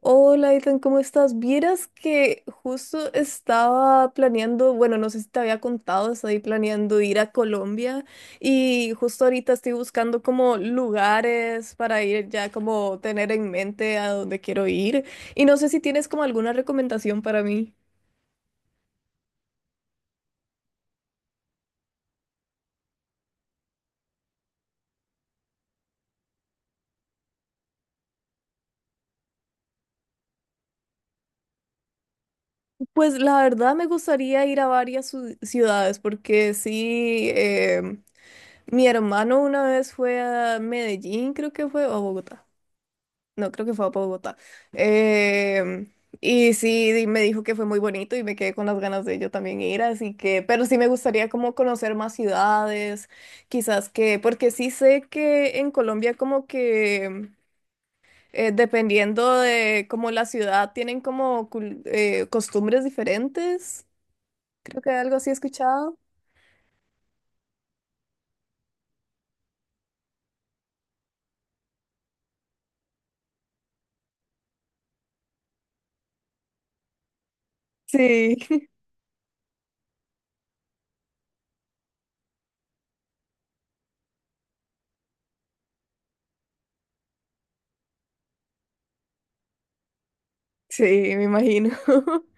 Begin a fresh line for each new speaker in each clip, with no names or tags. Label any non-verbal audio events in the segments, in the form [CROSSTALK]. Hola, Ethan, ¿cómo estás? Vieras que justo estaba planeando, bueno, no sé si te había contado, estoy planeando ir a Colombia y justo ahorita estoy buscando como lugares para ir ya como tener en mente a dónde quiero ir y no sé si tienes como alguna recomendación para mí. Pues la verdad me gustaría ir a ciudades porque sí, mi hermano una vez fue a Medellín, creo que fue, o a Bogotá. No, creo que fue a Bogotá. Em, y sí, me dijo que fue muy bonito y me quedé con las ganas de yo también ir, así que, pero sí me gustaría como conocer más ciudades, quizás que, porque sí sé que en Colombia como que dependiendo de como la ciudad tienen como costumbres diferentes. Creo que algo así he escuchado. Sí, [LAUGHS] sí, me imagino. [LAUGHS]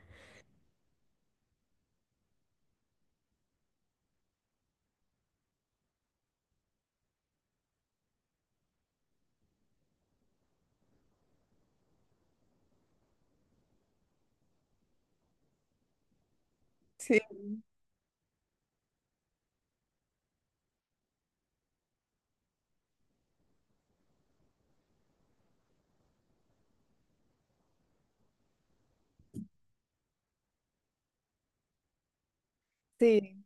Sí, sí.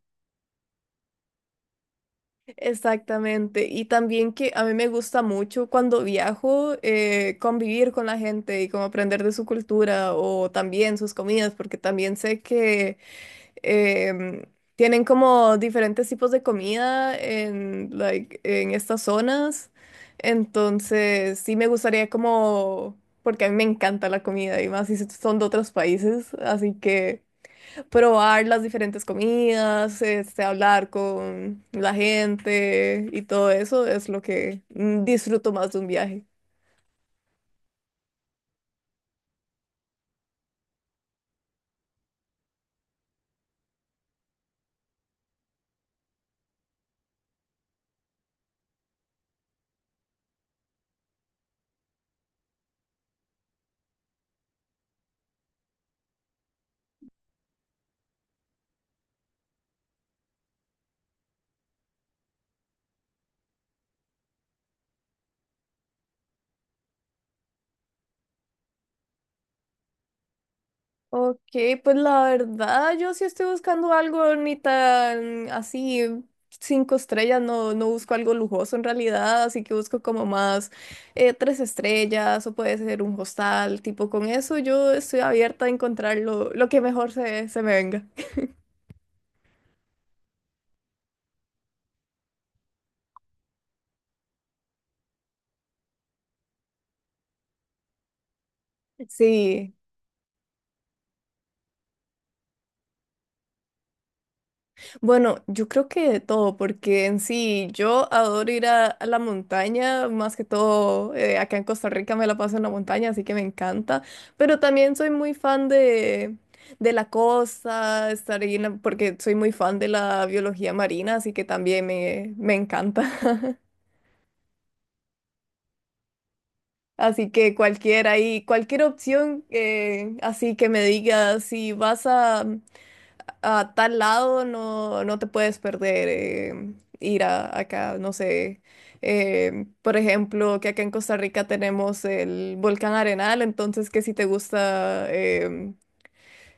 Exactamente, y también que a mí me gusta mucho cuando viajo convivir con la gente y como aprender de su cultura o también sus comidas, porque también sé que em, tienen como diferentes tipos de comida en, like, en estas zonas, entonces sí me gustaría como, porque a mí me encanta la comida y más si son de otros países, así que probar las diferentes comidas, este, hablar con la gente y todo eso es lo que disfruto más de un viaje. Ok, pues la verdad yo sí estoy buscando algo ni tan así, cinco estrellas, no, no busco algo lujoso en realidad, así que busco como más tres estrellas o puede ser un hostal, tipo con eso yo estoy abierta a encontrar lo que mejor se me venga. [LAUGHS] Sí. Bueno, yo creo que de todo, porque en sí yo adoro ir a la montaña, más que todo acá en Costa Rica me la paso en la montaña, así que me encanta, pero también soy muy fan de la costa, estar ahí, porque soy muy fan de la biología marina, así que también me encanta. [LAUGHS] Así que cualquier ahí, cualquier opción, así que me digas si vas a… a tal lado no, no te puedes perder ir a, acá, no sé. Eh, por ejemplo, que acá en Costa Rica tenemos el volcán Arenal, entonces que si te gusta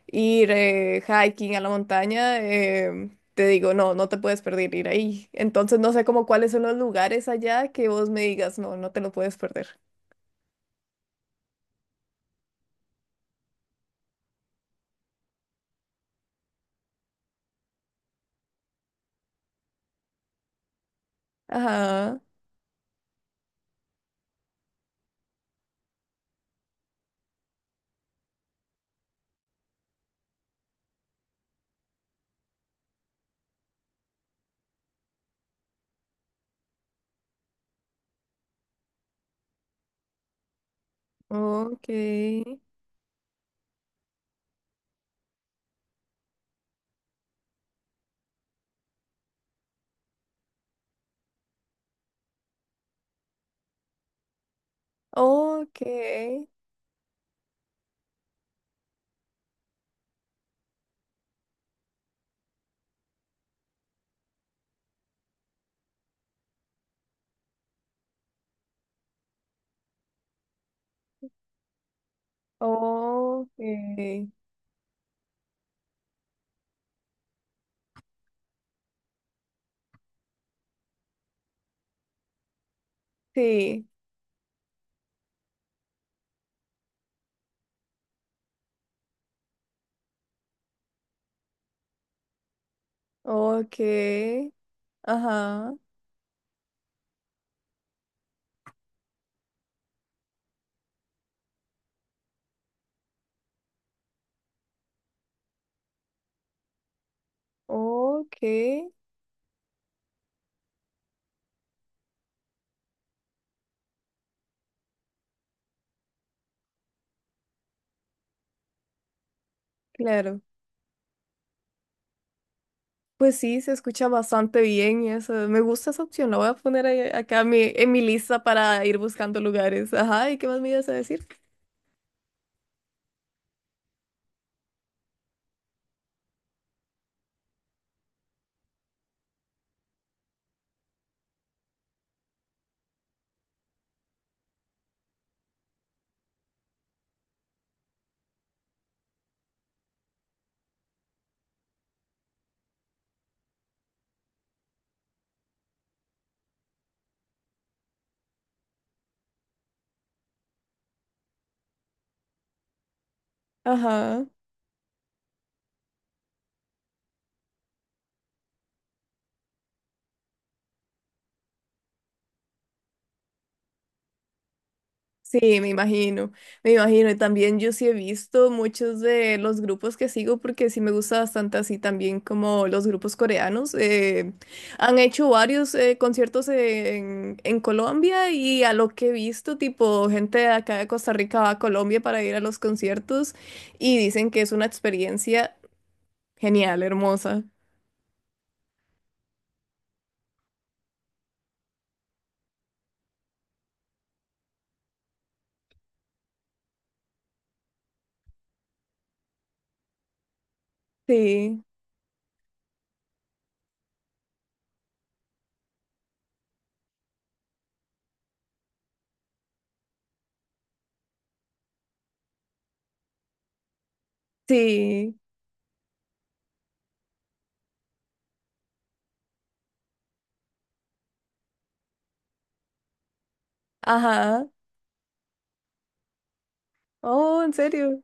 ir hiking a la montaña, te digo, no, no te puedes perder ir ahí. Entonces no sé como cuáles son los lugares allá que vos me digas, no, no te lo puedes perder. Ajá, ok, ok, ok, sí. Ok, ajá, ok, claro. Pues sí, se escucha bastante bien y eso. Me gusta esa opción, la voy a poner acá en mi lista para ir buscando lugares. Ajá, ¿y qué más me ibas a decir? Ajá. Sí, me imagino, me imagino. Y también yo sí he visto muchos de los grupos que sigo porque sí me gusta bastante así también como los grupos coreanos. Eh, han hecho varios conciertos en Colombia y a lo que he visto, tipo gente de acá de Costa Rica va a Colombia para ir a los conciertos y dicen que es una experiencia genial, hermosa. Sí, sí, ajá. Oh, ¿en serio?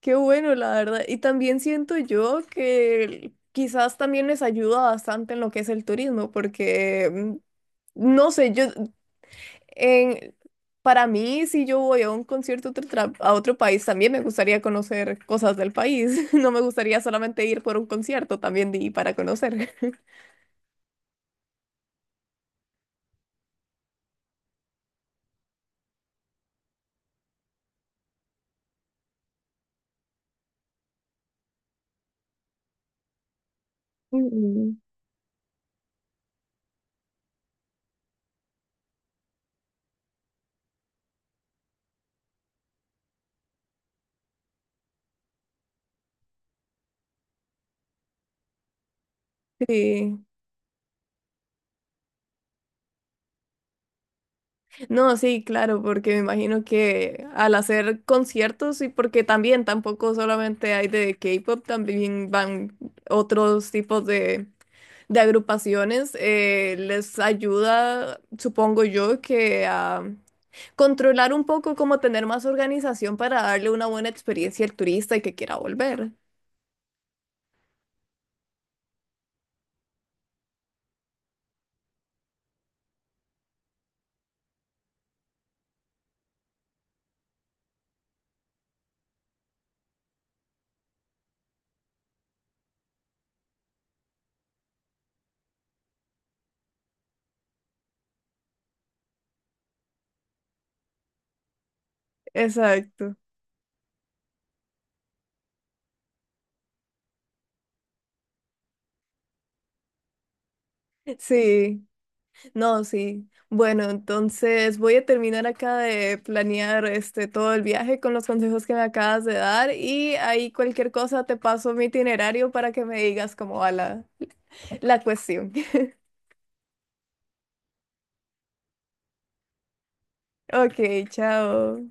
Qué bueno, la verdad. Y también siento yo que quizás también les ayuda bastante en lo que es el turismo, porque no sé, yo en para mí, si yo voy a un concierto a otro país, también me gustaría conocer cosas del país. [LAUGHS] No me gustaría solamente ir por un concierto, también de ir para conocer. [LAUGHS] Mm. Sí. No, sí, claro, porque me imagino que al hacer conciertos y porque también tampoco solamente hay de K-pop, también van otros tipos de agrupaciones, les ayuda, supongo yo, que a controlar un poco, como tener más organización para darle una buena experiencia al turista y que quiera volver. Exacto. Sí. No, sí. Bueno, entonces voy a terminar acá de planear este todo el viaje con los consejos que me acabas de dar y ahí cualquier cosa te paso mi itinerario para que me digas cómo va la cuestión. [LAUGHS] Ok, chao.